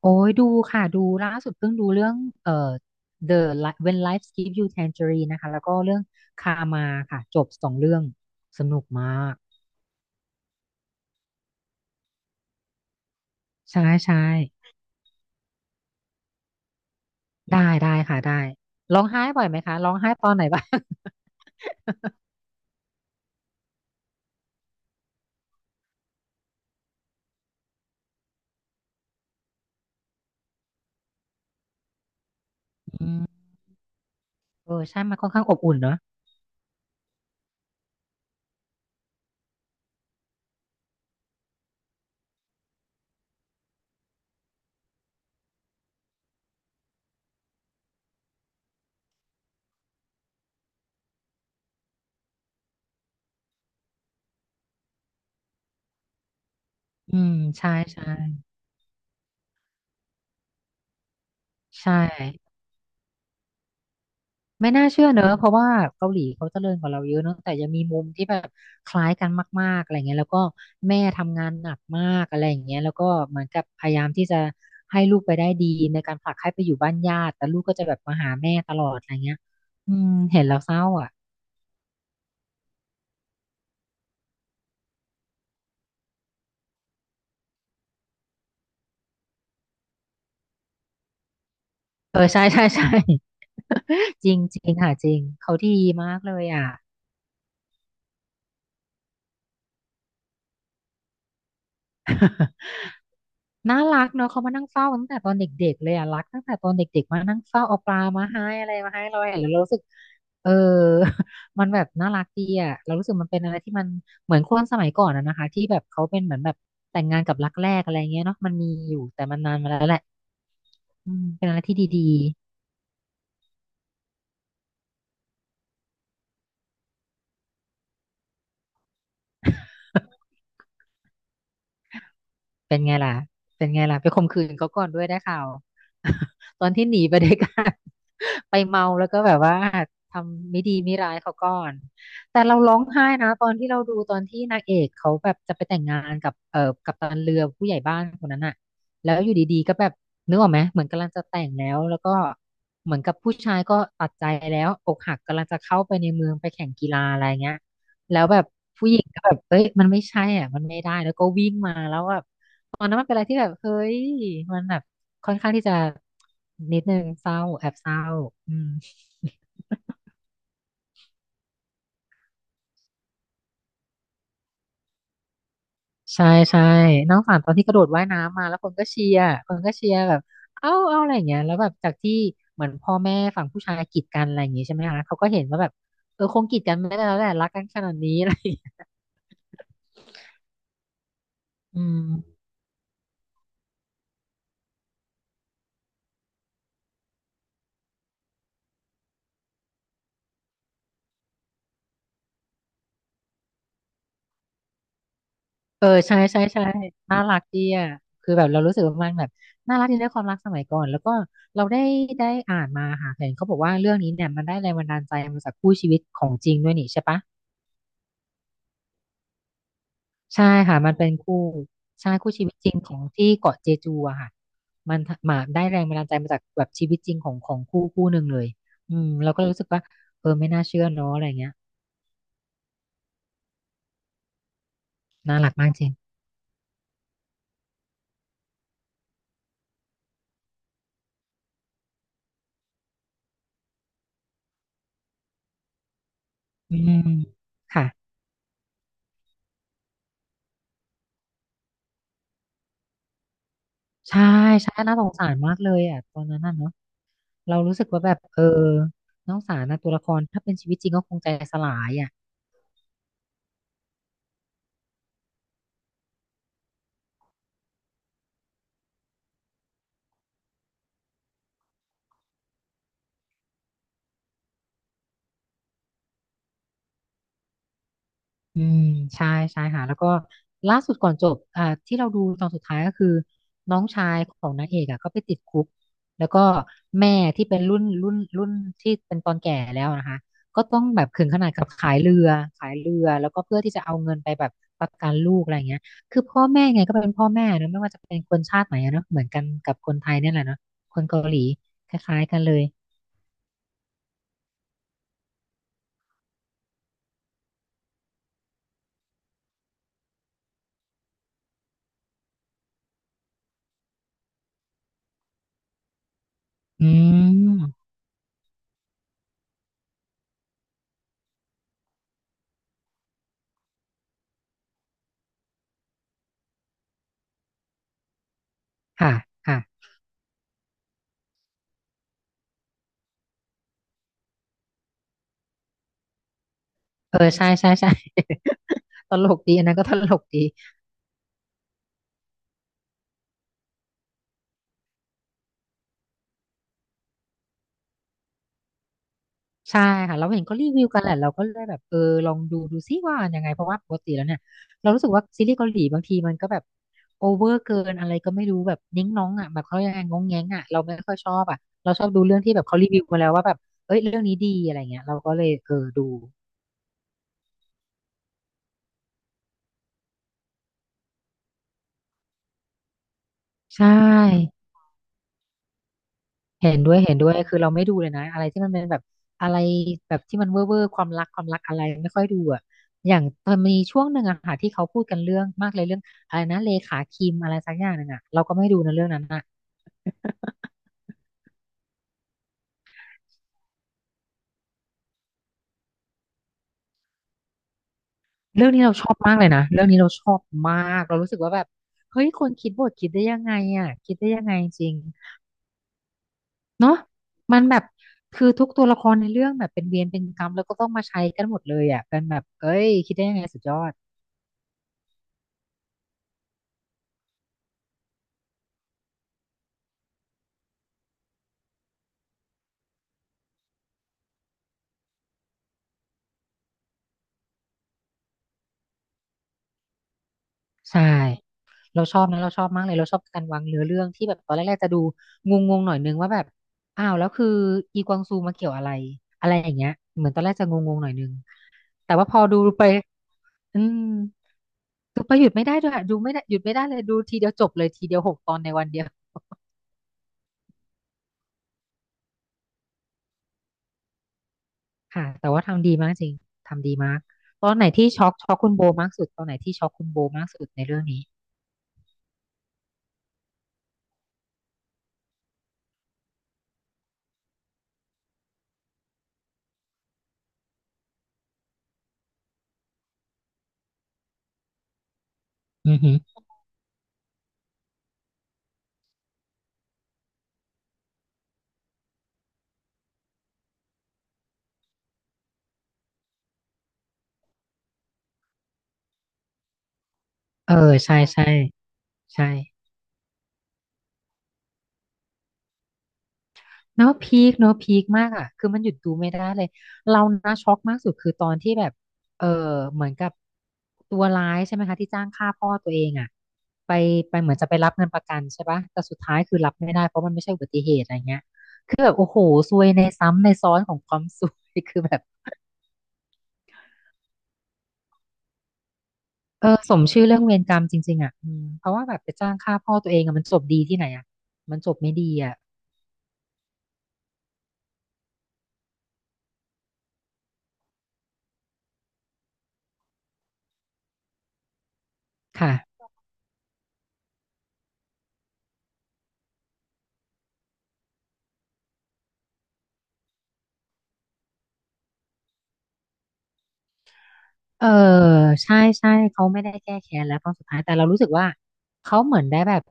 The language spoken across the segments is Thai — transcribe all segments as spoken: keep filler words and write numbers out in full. โอ้ยดูค่ะดูล่าสุดเพิ่งดูเรื่องเอ่อ The Li- When Life Gives You Tangerine นะคะแล้วก็เรื่องคามาค่ะจบสองเรื่องสนุกมากใช่ใช่ได้ได้ค่ะได้ร้องไห้บ่อยไหมคะร้องไห้ตอนไหนบ้าง อืมเออใช่มันค่อนข้างอบอุ่นเนอะอืมใช่ใช่ใช่ ไม่น่าเชื่อเนอะเพราะว่าเกาหลีเขาเจริญกว่าเราเยอะเนอะแต่ยังมีมุมที่แบบคล้ายกันมากๆอะไรเงี้ยแล้วก็แม่ทำงานหนักมากอะไรอย่างเงี้ยแล้วก็เหมือนกับพยายามที่จะให้ลูกไปได้ดีในการผลักให้ไปอยู่บ้านญาติแต่ลูกก็จะแบบมาหาแม่ตลอดอะไรเงี้ยอืมเห็นแล้วเศร้าอ่ะเออใช่ใช่ใช่ จริงจริงค่ะจริงเขาดีมากเลยอ่ะ น่ารักเนาะเขามานั่งเฝ้าตั้งแต่ตอนเด็กๆเลยอ่ะรักตั้งแต่ตอนเด็กๆมานั่งเฝ้าเอาปลามาให้อะไรมาให้เราเห็นแล้วเรารู้สึกเออ มันแบบน่ารักดีอ่ะเรารู้สึกมันเป็นอะไรที่มันเหมือนคนสมัยก่อนอะนะคะที่แบบเขาเป็นเหมือนแบบแต่งงานกับรักแรกอะไรเงี้ยเนาะมันมีอยู่แต่มันนานมาแล้วแหละอืมเป็นอะไรที่ดี เป็นไงล่ะ เป็นไงล่ะไปข่มขืนเขาก่อนด้วยได้ข่าว ตอนที่หนีไปด้วยกัน ไปเมาแล้วก็แบบว่าทำไม่ดีไม่ร้ายเขาก่อนแต่เราร้องไห้นะตอนที่เราดูตอนที่นางเอกเขาแบบจะไปแต่งงานกับเอ่อกัปตันเรือผู้ใหญ่บ้านคนนั้นอะแล้วอยู่ดีๆก็แบบนึกออกไหมเหมือนกำลังจะแต่งแล้วแล้วก็เหมือนกับผู้ชายก็ตัดใจแล้วอกหักกำลังจะเข้าไปในเมืองไปแข่งกีฬาอะไรเงี้ยแล้วแบบผู้หญิงก็แบบเอ้ยมันไม่ใช่อ่ะมันไม่ได้แล้วก็วิ่งมาแล้วแบบ ตอนนั้นมันเป็นอะไรที่แบบเฮ้ยมันแบบค่อนข้างที่จะนิดนึงเศร้าแอบเศร้าอืมใช่ใช่น้องฝันตอนที่กระโดดว่ายน้ำมาแล้วคนก็เชียร์คนก็เชียร์แบบเอ้าเอ้าอะไรอย่างเงี้ยแล้วแบบจากที่เหมือนพ่อแม่ฝั่งผู้ชายกีดกันอะไรอย่างงี้ใช่ไหมคะเขาก็เห็นว่าแบบเออคงกีดกันไม่ได้แล้วแหละรักกันขนาดนี้อะไรอย่างเงี้ยอืม เออใช่ใช่ใช่น่ารักดีอ่ะคือแบบเรารู้สึกว่ามันแบบน่ารักดีในความรักสมัยก่อนแล้วก็เราได้ได้อ่านมาค่ะเห็นเขาบอกว่าเรื่องนี้เนี่ยมันได้แรงบันดาลใจมาจากคู่ชีวิตของจริงด้วยนี่ใช่ปะใช่ค่ะมันเป็นคู่ใช่คู่ชีวิตจริงของที่เกาะเจจูอะค่ะมันมาได้แรงบันดาลใจมาจากแบบชีวิตจริงของของคู่คู่หนึ่งเลยอืมเราก็รู้สึกว่าเออไม่น่าเชื่อเนาะอะไรเงี้ยน่ารักมากจริงอืมค่ะใช่ใช่น่าสงสารมากเลยอ่ะตอนนั้นน่ะเนอะ เรารู้สึกว่าแบบเออน้องสารนะตัวละครถ้าเป็นชีวิตจริงก็คงใจสลายอ่ะอืมใช่ใช่ค่ะแล้วก็ล่าสุดก่อนจบอ่าที่เราดูตอนสุดท้ายก็คือน้องชายของนางเอกอ่ะก็ไปติดคุกแล้วก็แม่ที่เป็นรุ่นรุ่นรุ่นที่เป็นตอนแก่แล้วนะคะก็ต้องแบบถึงขนาดกับขายเรือขายเรือแล้วก็เพื่อที่จะเอาเงินไปแบบประกันลูกอะไรเงี้ยคือพ่อแม่ไงก็เป็นพ่อแม่นะไม่ว่าจะเป็นคนชาติไหนอะเนอะเหมือนกันกับคนไทยเนี่ยแหละเนาะคนเกาหลีคล้ายๆกันเลย อืมค่ะค่ะเออใช่ใช่ใช่ ตลกดีอันนั้นก็ตลกดีใช่ค่ะเราเห็นก็รีวิวกันแหละเราก็เลยแบบเออลองดูดูซิว่ายังไงเพราะว่าปกติแล้วเนี่ยเรารู้สึกว่าซีรีส์เกาหลีบางทีมันก็แบบโอเวอร์เกินอะไรก็ไม่รู้แบบนิ้งน้องอ่ะแบบเขายังไงงงแงงอ่ะเราไม่ค่อยชอบอ่ะเราชอบดูเรื่องที่แบบเขารีวิวมาแล้วว่าแบบเอ้ยเรื่องนี้ดีอะไรเงี้ยเราก็เลยเออดูใช่ เห็นด้วยเห็นด้วยคือเราไม่ดูเลยนะอะไรที่มันเป็นแบบอะไรแบบที่มันเว่อร์เวอร์ความรักความรักอะไรไม่ค่อยดูอะอย่างมันมีช่วงหนึ่งอะค่ะที่เขาพูดกันเรื่องมากเลยเรื่องอะไรนะเลขาคิมอะไรสักอย่างหนึ่งอะเราก็ไม่ดูนะเรื่องนั้นอะเรื่องนี้เราชอบมากเลยนะเรื่องนี้เราชอบมากเรารู้สึกว่าแบบเฮ้ยคนคิดบทคิดได้ยังไงอะคิดได้ยังไงจริงเนาะมันแบบคือทุกตัวละครในเรื่องแบบเป็นเวรเป็นกรรมแล้วก็ต้องมาใช้กันหมดเลยอะเป็นแบบเอ้ยคิดได้ยังไงสุดยอดใช่ เราชอบนะเราชอบมากเลยเราชอบการวางเนื้อเรื่องที่แบบตอนแรกๆจะดูงงๆหน่อยนึงว่าแบบอ้าวแล้วคืออีกวางซูมาเกี่ยวอะไรอะไรอย่างเงี้ยเหมือนตอนแรกจะงงๆหน่อยนึงแต่ว่าพอดูไปอืมดูไปหยุดไม่ได้ด้วยอะดูไม่ได้หยุดไม่ได้เลยดูทีเดียวจบเลยทีเดียวหกตอนในวันเดียวค่ะแต่ว่าทำดีมากจริงทำดีมากตอนไหนที่ช็อกช็อกคุณโบมากสุดตอนไหนที่ช็อกคุณโบมากสุดในเรื่องนี้อือหือเออใช่ใช่ใช่ เนาะพีคเนาะพีคมากอ่ะคือมันหยุดดูไม่ได้เลยเรานะช็อกมากสุดคือตอนที่แบบเออเหมือนกับตัวร้ายใช่ไหมคะที่จ้างฆ่าพ่อตัวเองอ่ะไปไปเหมือนจะไปรับเงินประกันใช่ปะแต่สุดท้ายคือรับไม่ได้เพราะมันไม่ใช่อุบัติเหตุอะไรเงี้ยคือแบบโอ้โหซวยในซ้ำในซ้อนของความซวย คือแบบเออสมชื่อเรื่องเวรกรรมจริงๆอ่ะอืมเพราะว่าแบบไปจ้างฆ่าพ่อตัวเองอะมันจบดีที่ไหนอ่ะมันจบไม่ดีอ่ะค่ะ เออใช่ใช่เขาไม่ได้แก้แค้นแล้วตอนสุดท้ายแต่เรารู้สึกว่าเขาเหมือนได้แบบ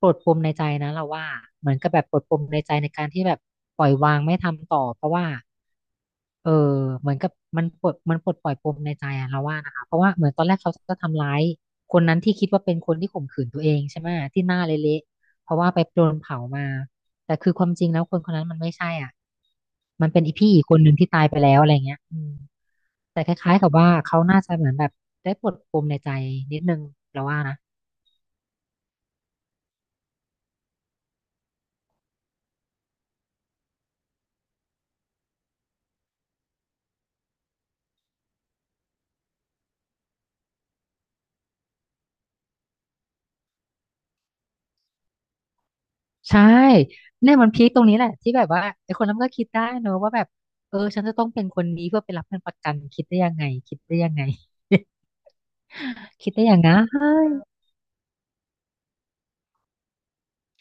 ปลดปมในใจนะเราว่าเหมือนกับแบบปลดปมในใจในการที่แบบปล่อยวางไม่ทำต่อเพราะว่าเออเหมือนกับมันปลดมันปลดปล่อยปมในใจอะเราว่านะคะเพราะว่าเหมือนตอนแรกเขาจะทำร้ายคนนั้นที่คิดว่าเป็นคนที่ข่มขืนตัวเองใช่ไหมที่หน้าเละๆเพราะว่าไปโดนเผามาแต่คือความจริงแล้วคนคนนั้นมันไม่ใช่อ่ะ มันเป็นอีพี่อีกคนหนึ่งที่ตายไปแล้วอะไรเงี้ยอืมแต่คล้ายๆกับว่าเขาน่าจะเหมือนแบบได้ปลดปมในใจนิดนึงเราว่านะใช่เนี่ยมันพีคตรงนี้แหละที่แบบว่าไอ้คนนั้นมันก็คิดได้เนอะว่าแบบเออฉันจะต้องเป็นคนนี้เพื่อไปรับเงินประกันคิดได้ยังไงคิดได้ยังไงคิดได้ยังไง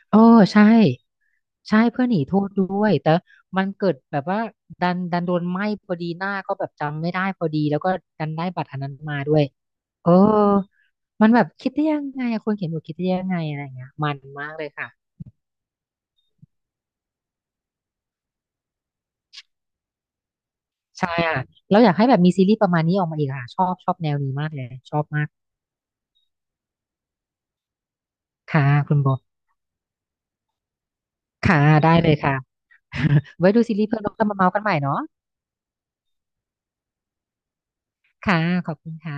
โอ้ใช่ ใช่เพื่อนหนีโทษด้วยแต่มันเกิดแบบว่าดันดันโดนไหม้พอดีหน้าก็แบบจำไม่ได้พอดีแล้วก็ดันได้บัตรอันนั้นมาด้วยเออมันแบบคิดได้ยังไงอะคนเขียนบทคิดได้ยังไงอะไรอย่างเงี้ยมันมากเลยค่ะใช่อ่ะแล้อยากให้แบบมีซีรีส์ประมาณนี้ออกมาอีกค่ะชอบชอบแนวนี้มากเลยชอบมากค่ะคุณโบค่ะได้เลยค่ะ ไว้ดูซีรีส์เพิ่มแล้วก็มาเมาส์กันใหม่เนาะค่ะขอบคุณค่ะ